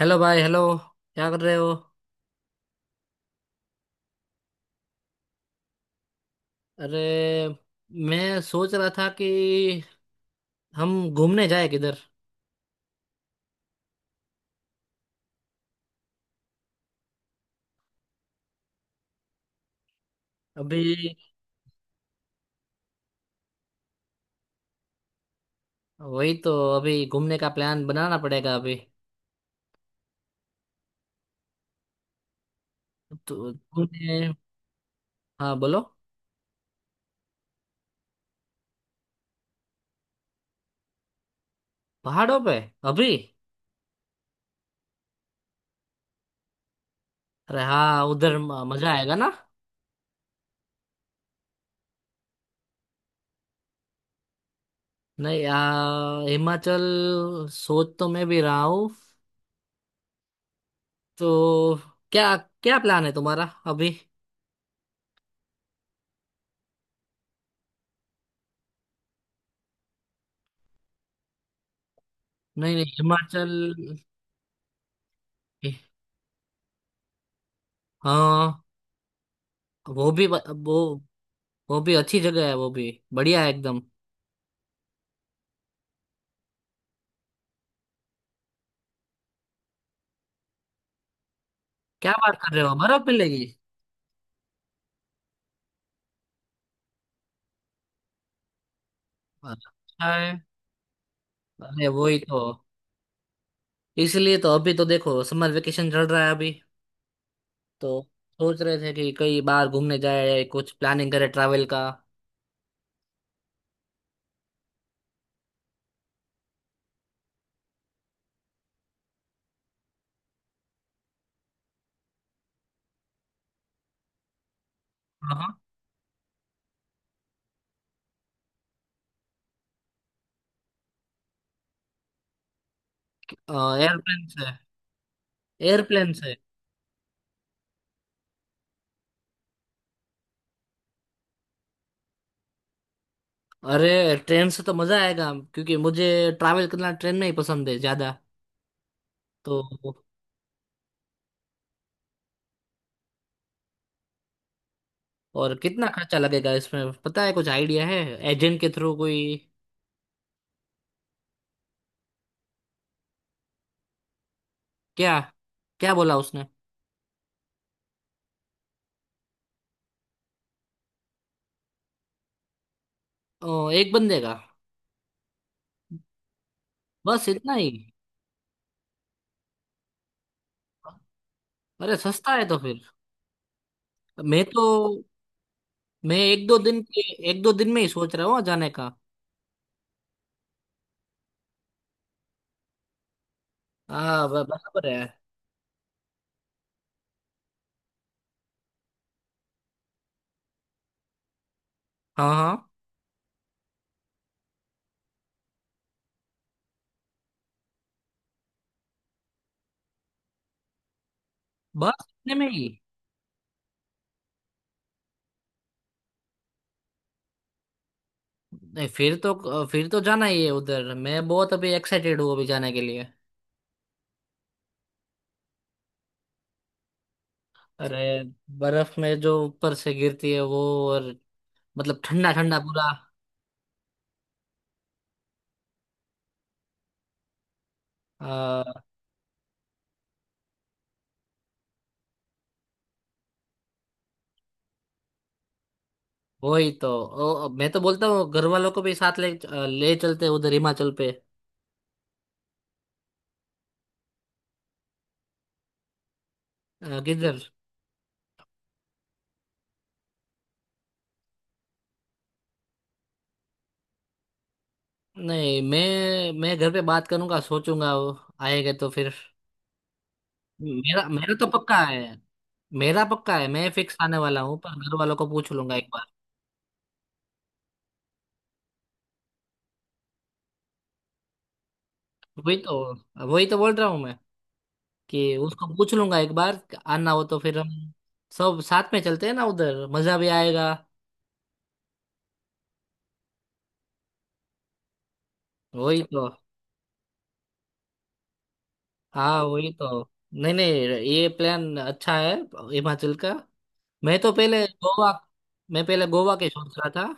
Hello भाई। Hello, क्या कर रहे हो? अरे, मैं सोच रहा था कि हम घूमने जाए किधर। अभी? वही तो। अभी घूमने का प्लान बनाना पड़ेगा अभी। तो तुमने? हाँ, बोलो। पहाड़ों पे? अभी? अरे हाँ, उधर मजा आएगा ना। नहीं, हिमाचल सोच तो मैं भी रहा हूँ। तो क्या, क्या प्लान है तुम्हारा अभी? नहीं नहीं, हिमाचल। हाँ, वो भी, वो भी अच्छी जगह है, वो भी बढ़िया है एकदम। क्या बात कर रहे हो, बर्फ मिलेगी? अच्छा है। अरे वही तो। इसलिए तो अभी तो देखो, समर वेकेशन चल रहा है अभी। तो सोच रहे थे कि कई बार घूमने जाए, कुछ प्लानिंग करे ट्रैवल का। हाँ। एयरप्लेन से? एयरप्लेन से? अरे ट्रेन से तो मजा आएगा, क्योंकि मुझे ट्रैवल करना ट्रेन में ही पसंद है ज्यादा। तो और कितना खर्चा लगेगा इसमें, पता है, कुछ आइडिया है? एजेंट के थ्रू कोई? क्या, क्या बोला उसने? ओ, एक बंदे का? बस इतना ही? अरे सस्ता है तो फिर। मैं तो, मैं एक दो दिन के, एक दो दिन में ही सोच रहा हूँ जाने का। हाँ, बराबर है। हाँ हाँ। बस इतने में ही? नहीं, फिर तो, फिर तो जाना ही है उधर। मैं बहुत अभी एक्साइटेड हूँ, अभी जाने के लिए। अरे बर्फ में जो ऊपर से गिरती है वो, और मतलब ठंडा ठंडा पूरा। आ, वही तो। ओ, मैं तो बोलता हूँ घर वालों को भी साथ ले, ले चलते हैं उधर हिमाचल पे। किधर? नहीं, मैं घर पे बात करूंगा, सोचूंगा, वो आएगा तो फिर। मेरा मेरा तो पक्का है। मेरा पक्का है, मैं फिक्स आने वाला हूँ, पर घर वालों को पूछ लूंगा एक बार। वही तो बोल रहा हूँ मैं, कि उसको पूछ लूंगा एक बार। आना हो तो फिर हम सब साथ में चलते हैं ना, उधर मजा भी आएगा। वही तो। हाँ, वही तो। नहीं नहीं, ये प्लान अच्छा है, हिमाचल का। मैं तो पहले गोवा, मैं पहले गोवा के सोच रहा था।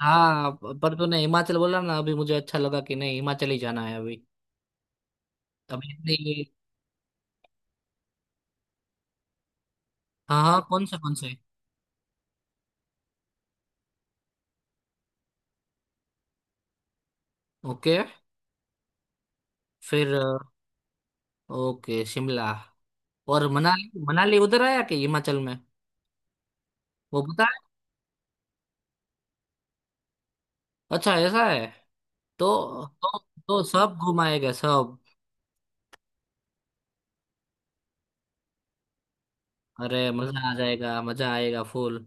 हाँ, पर तूने हिमाचल बोला ना अभी, मुझे अच्छा लगा कि नहीं, हिमाचल ही जाना है अभी। अभी नहीं। हाँ हाँ, कौन से कौन से? ओके, फिर ओके, शिमला। और मनाली, मनाली उधर आया कि हिमाचल में? वो बता। अच्छा, ऐसा है? तो तो सब घुमाएगा सब? अरे मजा आ जाएगा, मजा आएगा फुल।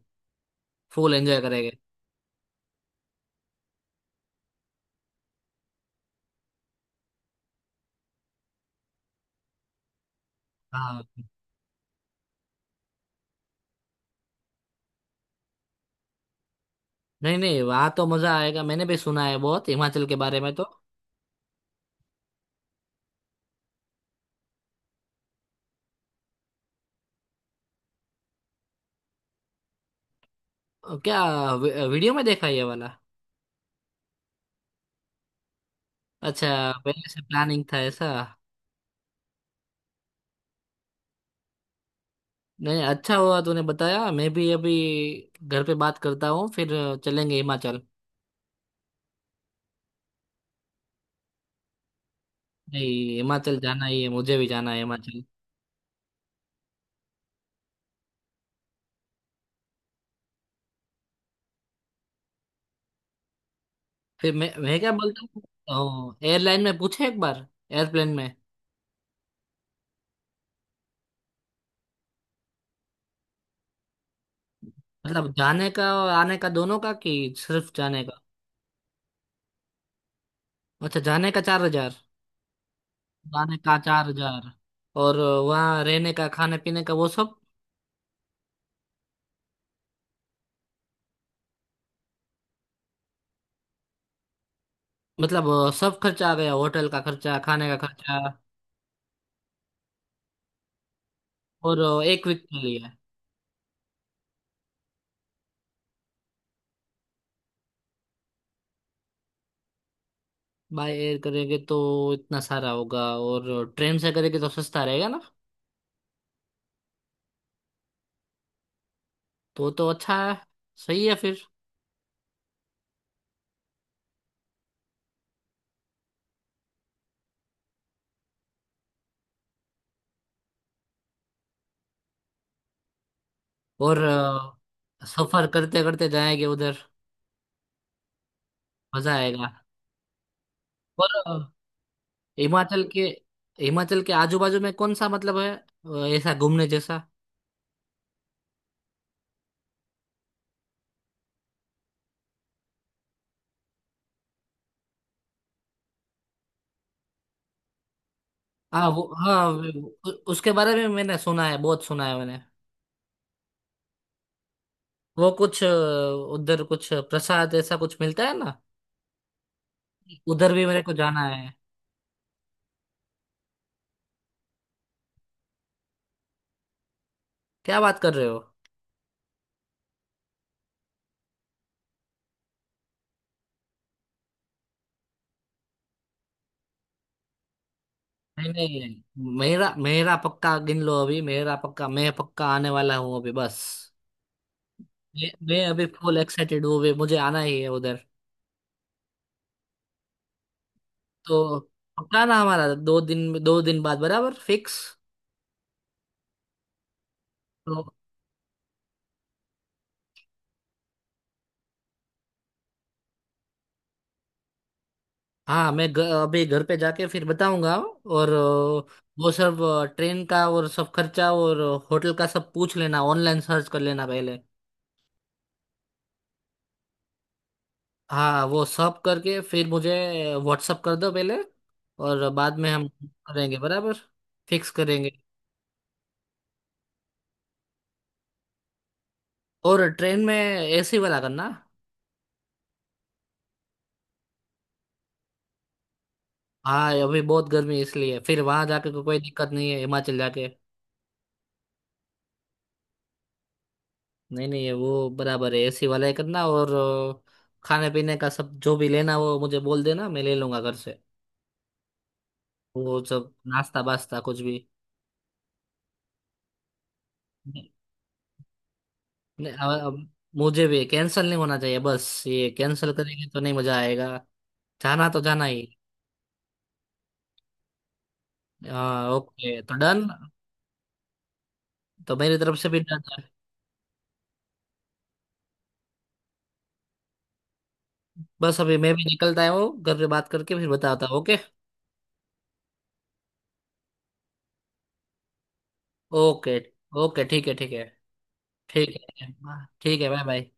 फुल एंजॉय करेंगे। हाँ। नहीं नहीं, वहाँ तो मजा आएगा, मैंने भी सुना है बहुत हिमाचल के बारे में तो। क्या? वीडियो में देखा ये वाला? अच्छा, पहले से प्लानिंग था ऐसा? नहीं, अच्छा हुआ तूने बताया। मैं भी अभी घर पे बात करता हूँ, फिर चलेंगे हिमाचल। नहीं, हिमाचल जाना ही है, मुझे भी जाना है हिमाचल। फिर मैं क्या बोलता हूँ, एयरलाइन में पूछे एक बार। एयरप्लेन में। मतलब जाने का और आने का दोनों का, कि सिर्फ जाने का? अच्छा, जाने का 4,000। जाने का 4,000, और वहाँ रहने का, खाने पीने का, वो सब? मतलब, सब खर्चा आ गया, होटल का खर्चा, खाने का खर्चा, और एक वीक के लिए? बाय एयर करेंगे तो इतना सारा होगा, और ट्रेन से करेंगे तो सस्ता रहेगा ना। तो अच्छा है। सही है फिर। और सफर करते करते जाएंगे उधर। मजा आएगा। और हिमाचल के हिमाचल के आजू बाजू में कौन सा मतलब है, ऐसा घूमने जैसा? हाँ, वो, हाँ, उसके बारे में मैंने सुना है, बहुत सुना है मैंने। वो कुछ उधर कुछ प्रसाद ऐसा कुछ मिलता है ना? उधर भी मेरे को जाना है। क्या बात कर रहे हो! नहीं नहीं, मेरा मेरा पक्का, गिन लो अभी मेरा पक्का, मैं पक्का आने वाला हूँ अभी बस। मैं अभी फुल एक्साइटेड हूँ, अभी मुझे आना ही है उधर। तो पक्का ना हमारा, 2 दिन, 2 दिन बाद बराबर फिक्स। तो हाँ, मैं अभी घर पे जाके फिर बताऊंगा, और वो सब, ट्रेन का और सब खर्चा, और होटल का, सब पूछ लेना, ऑनलाइन सर्च कर लेना पहले। हाँ, वो सब करके फिर मुझे व्हाट्सअप कर दो पहले, और बाद में हम करेंगे बराबर, फिक्स करेंगे। और ट्रेन में एसी वाला करना। हाँ, अभी बहुत गर्मी है, इसलिए फिर वहां जाके को कोई दिक्कत नहीं है, हिमाचल जाके। नहीं नहीं, ये वो बराबर है, एसी वाला ही करना, और अ, खाने पीने का सब जो भी लेना, वो मुझे बोल देना, मैं ले लूंगा घर से। वो सब नाश्ता वास्ता कुछ भी। नहीं, नहीं, अब मुझे भी कैंसिल नहीं होना चाहिए, बस ये कैंसिल करेंगे तो नहीं मजा आएगा। जाना तो जाना ही। हाँ ओके, तो डन। तो मेरी तरफ से भी डन है। बस अभी मैं भी निकलता हूँ, घर पे बात करके फिर बताता हूँ, ओके। ओके ओके, ठीक है, ठीक है ठीक है, हाँ, ठीक है, बाय बाय।